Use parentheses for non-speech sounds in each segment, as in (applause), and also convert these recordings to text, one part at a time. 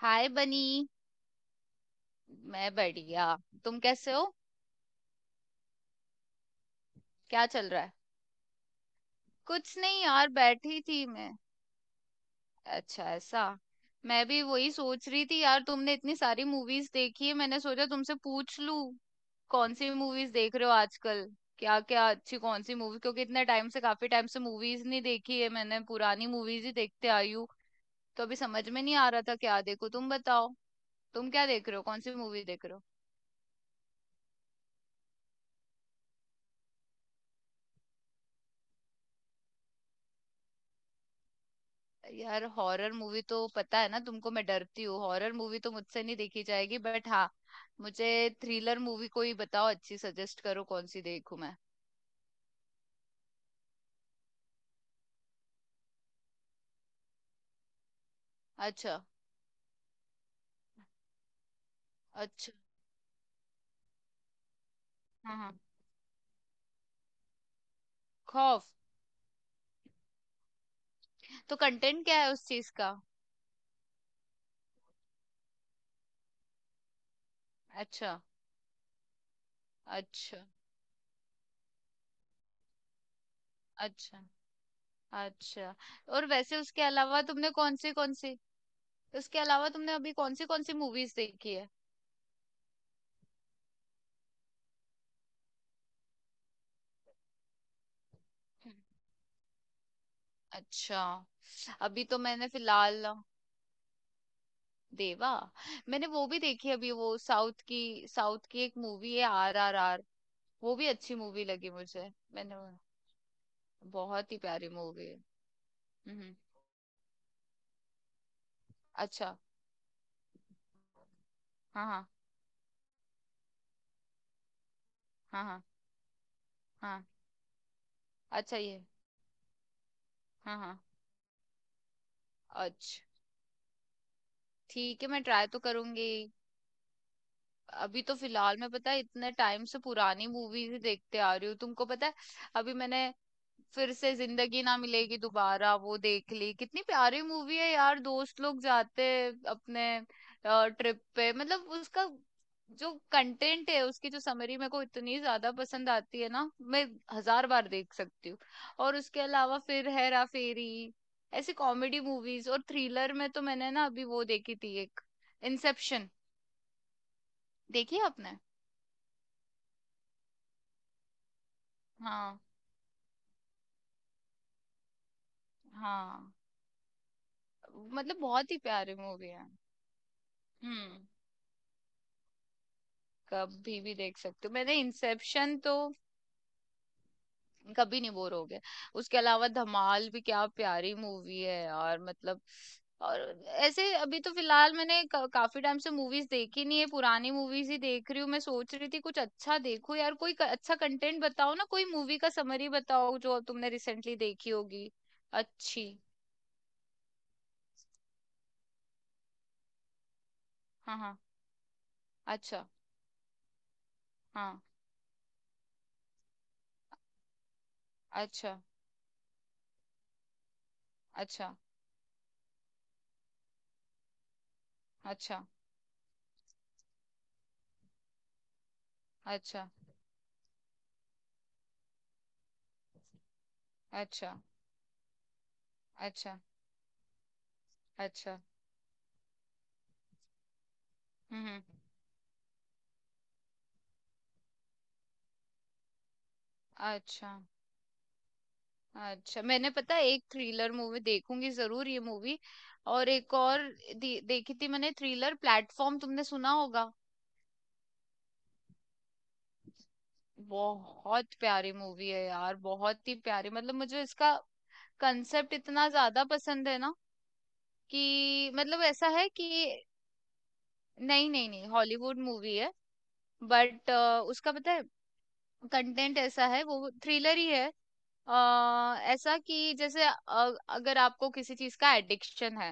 हाय Bunny. मैं बढ़िया। तुम कैसे हो? क्या चल रहा है? कुछ नहीं यार, बैठी थी मैं। अच्छा, ऐसा। मैं भी वही सोच रही थी यार, तुमने इतनी सारी मूवीज देखी है, मैंने सोचा तुमसे पूछ लूं। कौन सी मूवीज देख रहे हो आजकल? क्या क्या अच्छी, कौन सी मूवी, क्योंकि इतने टाइम से काफी टाइम से मूवीज नहीं देखी है मैंने, पुरानी मूवीज ही देखते आई हूँ। तो अभी समझ में नहीं आ रहा था क्या देखो, तुम बताओ। तुम क्या देख रहे हो, कौन सी मूवी देख रहे हो? यार हॉरर मूवी तो पता है ना तुमको, मैं डरती हूँ, हॉरर मूवी तो मुझसे नहीं देखी जाएगी, बट हाँ। मुझे थ्रिलर मूवी कोई बताओ, अच्छी सजेस्ट करो, कौन सी देखूं मैं? अच्छा। अच्छा। हाँ, हाँ। खौफ। तो कंटेंट क्या है उस चीज का? अच्छा। अच्छा। अच्छा। अच्छा। और वैसे उसके अलावा तुमने अभी कौन सी मूवीज देखी है? अच्छा। अभी तो मैंने फिलहाल, देवा। मैंने वो भी देखी अभी, वो साउथ की एक मूवी है, RRR। वो भी अच्छी मूवी लगी मुझे मैंने। बहुत ही प्यारी मूवी है। हम्म। अच्छा। हाँ, हाँ। हाँ, हाँ, हाँ। अच्छा ये। हाँ, हाँ। अच्छा। ठीक है, मैं ट्राई तो करूंगी। अभी तो फिलहाल मैं, पता है, इतने टाइम से पुरानी मूवीज ही देखते आ रही हूँ, तुमको पता है। अभी मैंने फिर से जिंदगी ना मिलेगी दोबारा वो देख ली, कितनी प्यारी मूवी है यार, दोस्त लोग जाते हैं अपने ट्रिप पे, मतलब उसका जो कंटेंट है, उसकी जो समरी मेरे को इतनी ज्यादा पसंद आती है ना, मैं हजार बार देख सकती हूँ। और उसके अलावा फिर हेरा फेरी, ऐसी कॉमेडी मूवीज। और थ्रिलर में तो मैंने ना अभी वो देखी थी एक, इंसेप्शन। देखी है आपने? हाँ, हाँ। मतलब बहुत ही प्यारी मूवी है। हम्म। कभी भी देख सकते हो, मैंने इंसेप्शन तो। कभी नहीं बोर हो गया। उसके अलावा धमाल भी क्या प्यारी मूवी है यार, मतलब। और ऐसे अभी तो फिलहाल मैंने काफी टाइम से मूवीज देखी नहीं है, पुरानी मूवीज ही देख रही हूँ। मैं सोच रही थी कुछ अच्छा देखो यार, कोई अच्छा कंटेंट बताओ ना, कोई मूवी का समरी बताओ जो तुमने रिसेंटली देखी होगी, अच्छी। हाँ, हाँ। अच्छा। हाँ। अच्छा। अच्छा। अच्छा। अच्छा। अच्छा। अच्छा। अच्छा। हम्म। हम्म। अच्छा। अच्छा। मैंने पता है एक थ्रिलर मूवी देखूंगी जरूर, ये मूवी। और एक और देखी थी मैंने, थ्रिलर प्लेटफॉर्म, तुमने सुना होगा? बहुत प्यारी मूवी है यार, बहुत ही प्यारी, मतलब मुझे इसका कंसेप्ट इतना ज्यादा पसंद है ना कि, मतलब ऐसा है कि। नहीं, नहीं, नहीं, हॉलीवुड मूवी है, बट। उसका पता है, कंटेंट ऐसा है, वो थ्रिलर ही है। अ ऐसा कि जैसे अगर आपको किसी चीज का एडिक्शन है,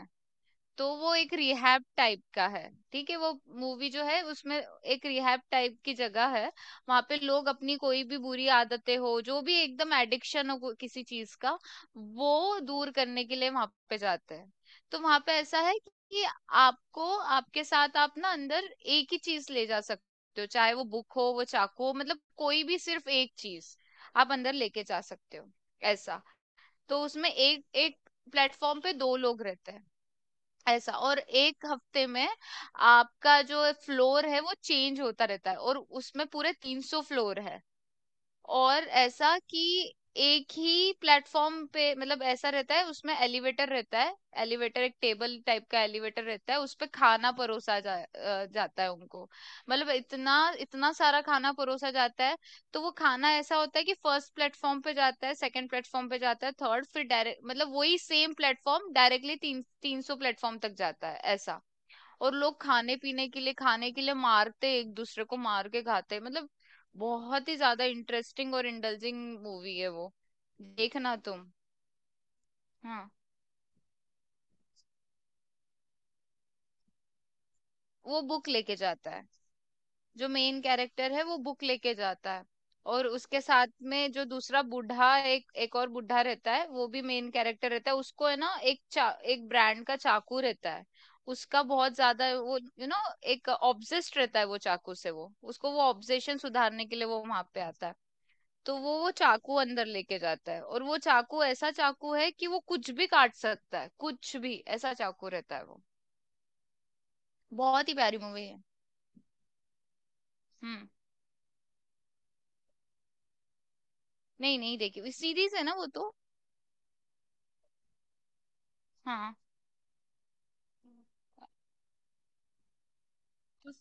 तो वो एक रिहैब टाइप का है, ठीक है वो। मूवी जो है उसमें एक रिहैब टाइप की जगह है। वहां पे लोग अपनी कोई भी बुरी आदतें हो जो भी एकदम एडिक्शन हो किसी चीज का, वो दूर करने के लिए वहां पे जाते हैं। तो वहां पे ऐसा है कि आपको, आपके साथ आप ना अंदर एक ही चीज ले जा सकते हो, चाहे वो बुक हो, वो चाकू हो, मतलब कोई भी सिर्फ एक चीज आप अंदर लेके जा सकते हो, ऐसा। तो उसमें एक एक प्लेटफॉर्म पे दो लोग रहते हैं ऐसा, और एक हफ्ते में आपका जो फ्लोर है वो चेंज होता रहता है, और उसमें पूरे 300 फ्लोर है। और ऐसा कि एक ही प्लेटफॉर्म पे, मतलब ऐसा रहता है उसमें एलिवेटर रहता है। एलिवेटर, एक टेबल टाइप का एलिवेटर रहता है, उस पे खाना परोसा जाता है उनको। मतलब इतना इतना सारा खाना परोसा जाता है। तो वो खाना ऐसा होता है कि फर्स्ट प्लेटफॉर्म पे जाता है, सेकंड प्लेटफॉर्म पे जाता है, थर्ड, फिर डायरेक्ट, मतलब वही सेम प्लेटफॉर्म डायरेक्टली तीन तीन सौ प्लेटफॉर्म तक जाता है ऐसा। और लोग खाने के लिए मारते, एक दूसरे को मार के खाते, मतलब। बहुत ही ज्यादा इंटरेस्टिंग और इंडल्जिंग मूवी है वो, देखना तुम। हाँ, वो बुक लेके जाता है, जो मेन कैरेक्टर है वो बुक लेके जाता है। और उसके साथ में जो दूसरा बूढ़ा, एक एक और बूढ़ा रहता है, वो भी मेन कैरेक्टर रहता है, उसको है ना एक ब्रांड का चाकू रहता है। उसका बहुत ज्यादा वो एक ऑब्सेस्ड रहता है वो चाकू से, वो उसको वो ऑब्सेशन सुधारने के लिए वो वहां पे आता है। तो वो चाकू अंदर लेके जाता है, और वो चाकू ऐसा चाकू है कि वो कुछ भी काट सकता है, कुछ भी, ऐसा चाकू रहता है वो। बहुत ही प्यारी मूवी है। हम्म। नहीं, नहीं देखी। इस सीरीज है ना वो तो। हाँ। तो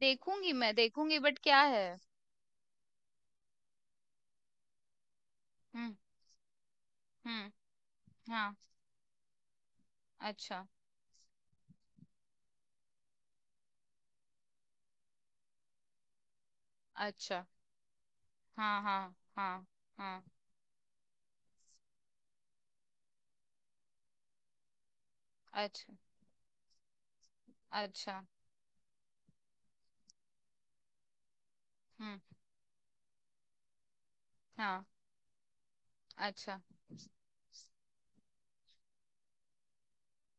देखूंगी, मैं देखूंगी, बट क्या है। हम्म। हम्म। हाँ। अच्छा। अच्छा। हाँ, हाँ। हाँ, हाँ। अच्छा। अच्छा। हम्म। हाँ। अच्छा।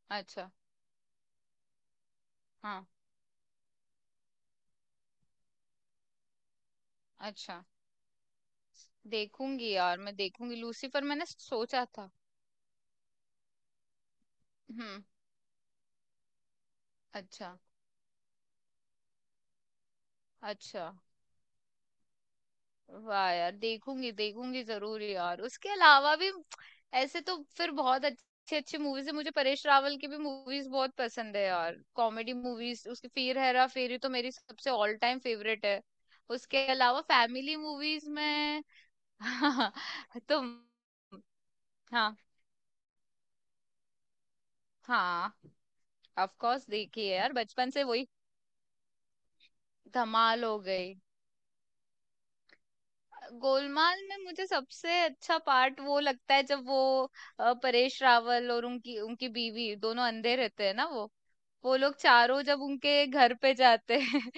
अच्छा। हाँ। अच्छा। देखूंगी यार, मैं देखूंगी लूसीफर, मैंने सोचा था। हम्म। अच्छा। अच्छा। वाह यार, देखूंगी देखूंगी जरूर यार, उसके अलावा भी। ऐसे तो फिर बहुत अच्छी अच्छी मूवीज है। मुझे परेश रावल की भी मूवीज बहुत पसंद है यार, कॉमेडी मूवीज उसकी। फिर हेरा फेरी तो मेरी सबसे ऑल टाइम फेवरेट है। उसके अलावा फैमिली मूवीज में। (laughs) तो। हाँ। हाँ, ऑफ कोर्स देखी है यार, बचपन से वही। धमाल हो गई। गोलमाल में मुझे सबसे अच्छा पार्ट वो लगता है जब वो, परेश रावल और उनकी उनकी बीवी दोनों अंधे रहते हैं ना, वो लोग चारों जब उनके घर पे जाते हैं (laughs)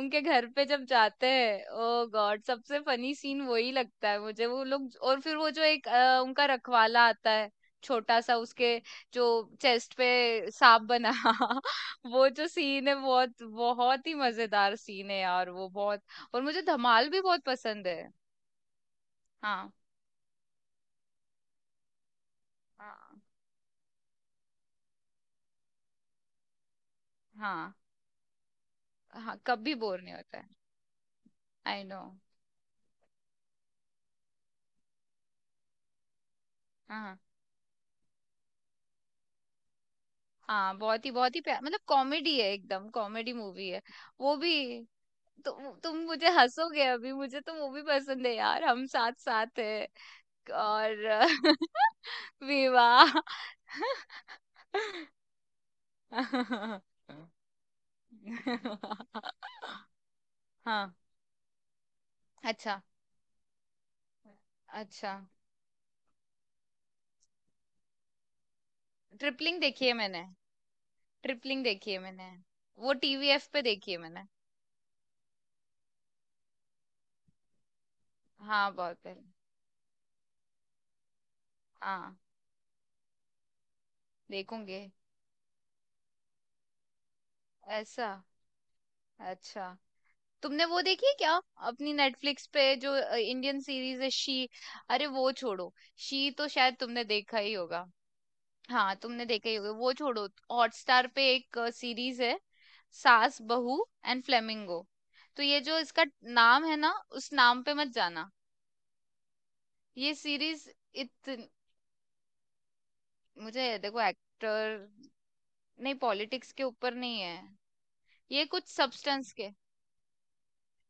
उनके घर पे जब जाते हैं, ओ गॉड, सबसे फनी सीन वही लगता है मुझे, वो लोग, और फिर वो जो एक उनका रखवाला आता है, छोटा सा उसके, जो चेस्ट पे सांप बना (laughs) वो जो सीन है बहुत बहुत ही मजेदार सीन है यार, वो बहुत। और मुझे धमाल भी बहुत पसंद है। हाँ, हाँ। हाँ, हाँ। कभी बोर नहीं होता है। I know. हाँ, हाँ। बहुत ही प्यार, मतलब कॉमेडी है, एकदम कॉमेडी मूवी है वो भी। तु, तुम मुझे हंसोगे अभी, मुझे तो मूवी पसंद है यार, हम साथ साथ है, और (laughs) विवाह। हाँ। अच्छा। अच्छा। ट्रिपलिंग देखी है मैंने, ट्रिपलिंग देखी है मैंने, वो टीवीएफ पे देखी है मैंने। हाँ, बहुत पहले। हाँ, देखूंगे। ऐसा। अच्छा। तुमने वो देखी है क्या, अपनी नेटफ्लिक्स पे जो इंडियन सीरीज है, शी? अरे वो छोड़ो, शी तो शायद तुमने देखा ही होगा, हाँ तुमने देखा ही होगा, वो छोड़ो। हॉटस्टार पे एक सीरीज है, सास बहू एंड फ्लेमिंगो। तो ये जो इसका नाम है ना, उस नाम पे मत जाना। ये सीरीज इत मुझे देखो एक्टर, नहीं पॉलिटिक्स के ऊपर नहीं है, ये कुछ सब्सटेंस के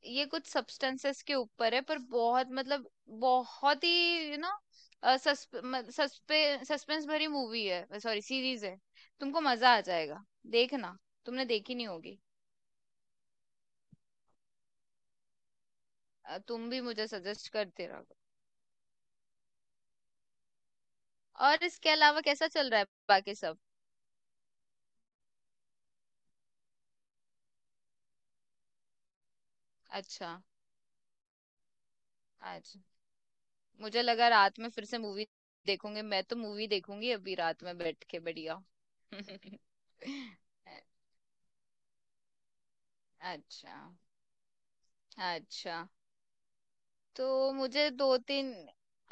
ये कुछ सब्सटेंसेस के ऊपर है, पर बहुत मतलब, बहुत ही यू नो सस्पेंस भरी मूवी है, सॉरी सीरीज है, तुमको मजा आ जाएगा, देखना। तुमने देखी नहीं होगी। तुम भी मुझे सजेस्ट करते रहो। और इसके अलावा कैसा चल रहा है बाकी सब? अच्छा। आज। मुझे लगा रात में फिर से मूवी देखोगे, मैं तो मूवी देखूंगी अभी रात में बैठ के बढ़िया। (laughs) अच्छा। अच्छा। तो मुझे दो तीन,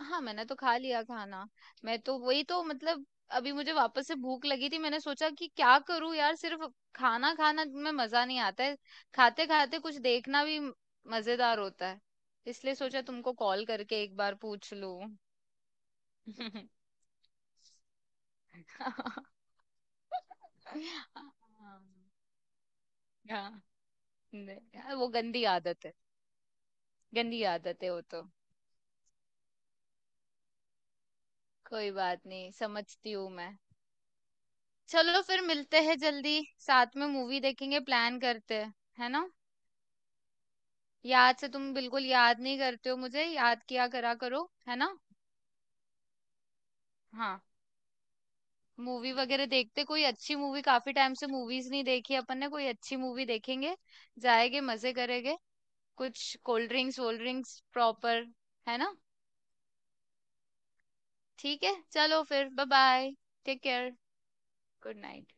हाँ मैंने तो खा लिया खाना, मैं तो वही तो मतलब। अभी मुझे वापस से भूख लगी थी, मैंने सोचा कि क्या करूं यार, सिर्फ खाना खाना में मजा नहीं आता है, खाते खाते कुछ देखना भी मजेदार होता है, इसलिए सोचा तुमको कॉल करके एक बार पूछ लूं। (laughs) हाँ। नहीं, वो गंदी आदत है, गंदी आदत है वो तो। कोई बात नहीं, समझती हूँ मैं। चलो फिर मिलते हैं जल्दी, साथ में मूवी देखेंगे, प्लान करते हैं, है ना? याद से, तुम बिल्कुल याद नहीं करते हो मुझे, याद किया करा करो, है ना? हाँ। मूवी वगैरह देखते, कोई अच्छी मूवी, काफी टाइम से मूवीज नहीं देखी अपन ने, कोई अच्छी मूवी देखेंगे, जाएंगे, मजे करेंगे, कुछ cold drinks cold drinks proper, है ना? ठीक है, चलो फिर। Bye bye. Take care. Good night.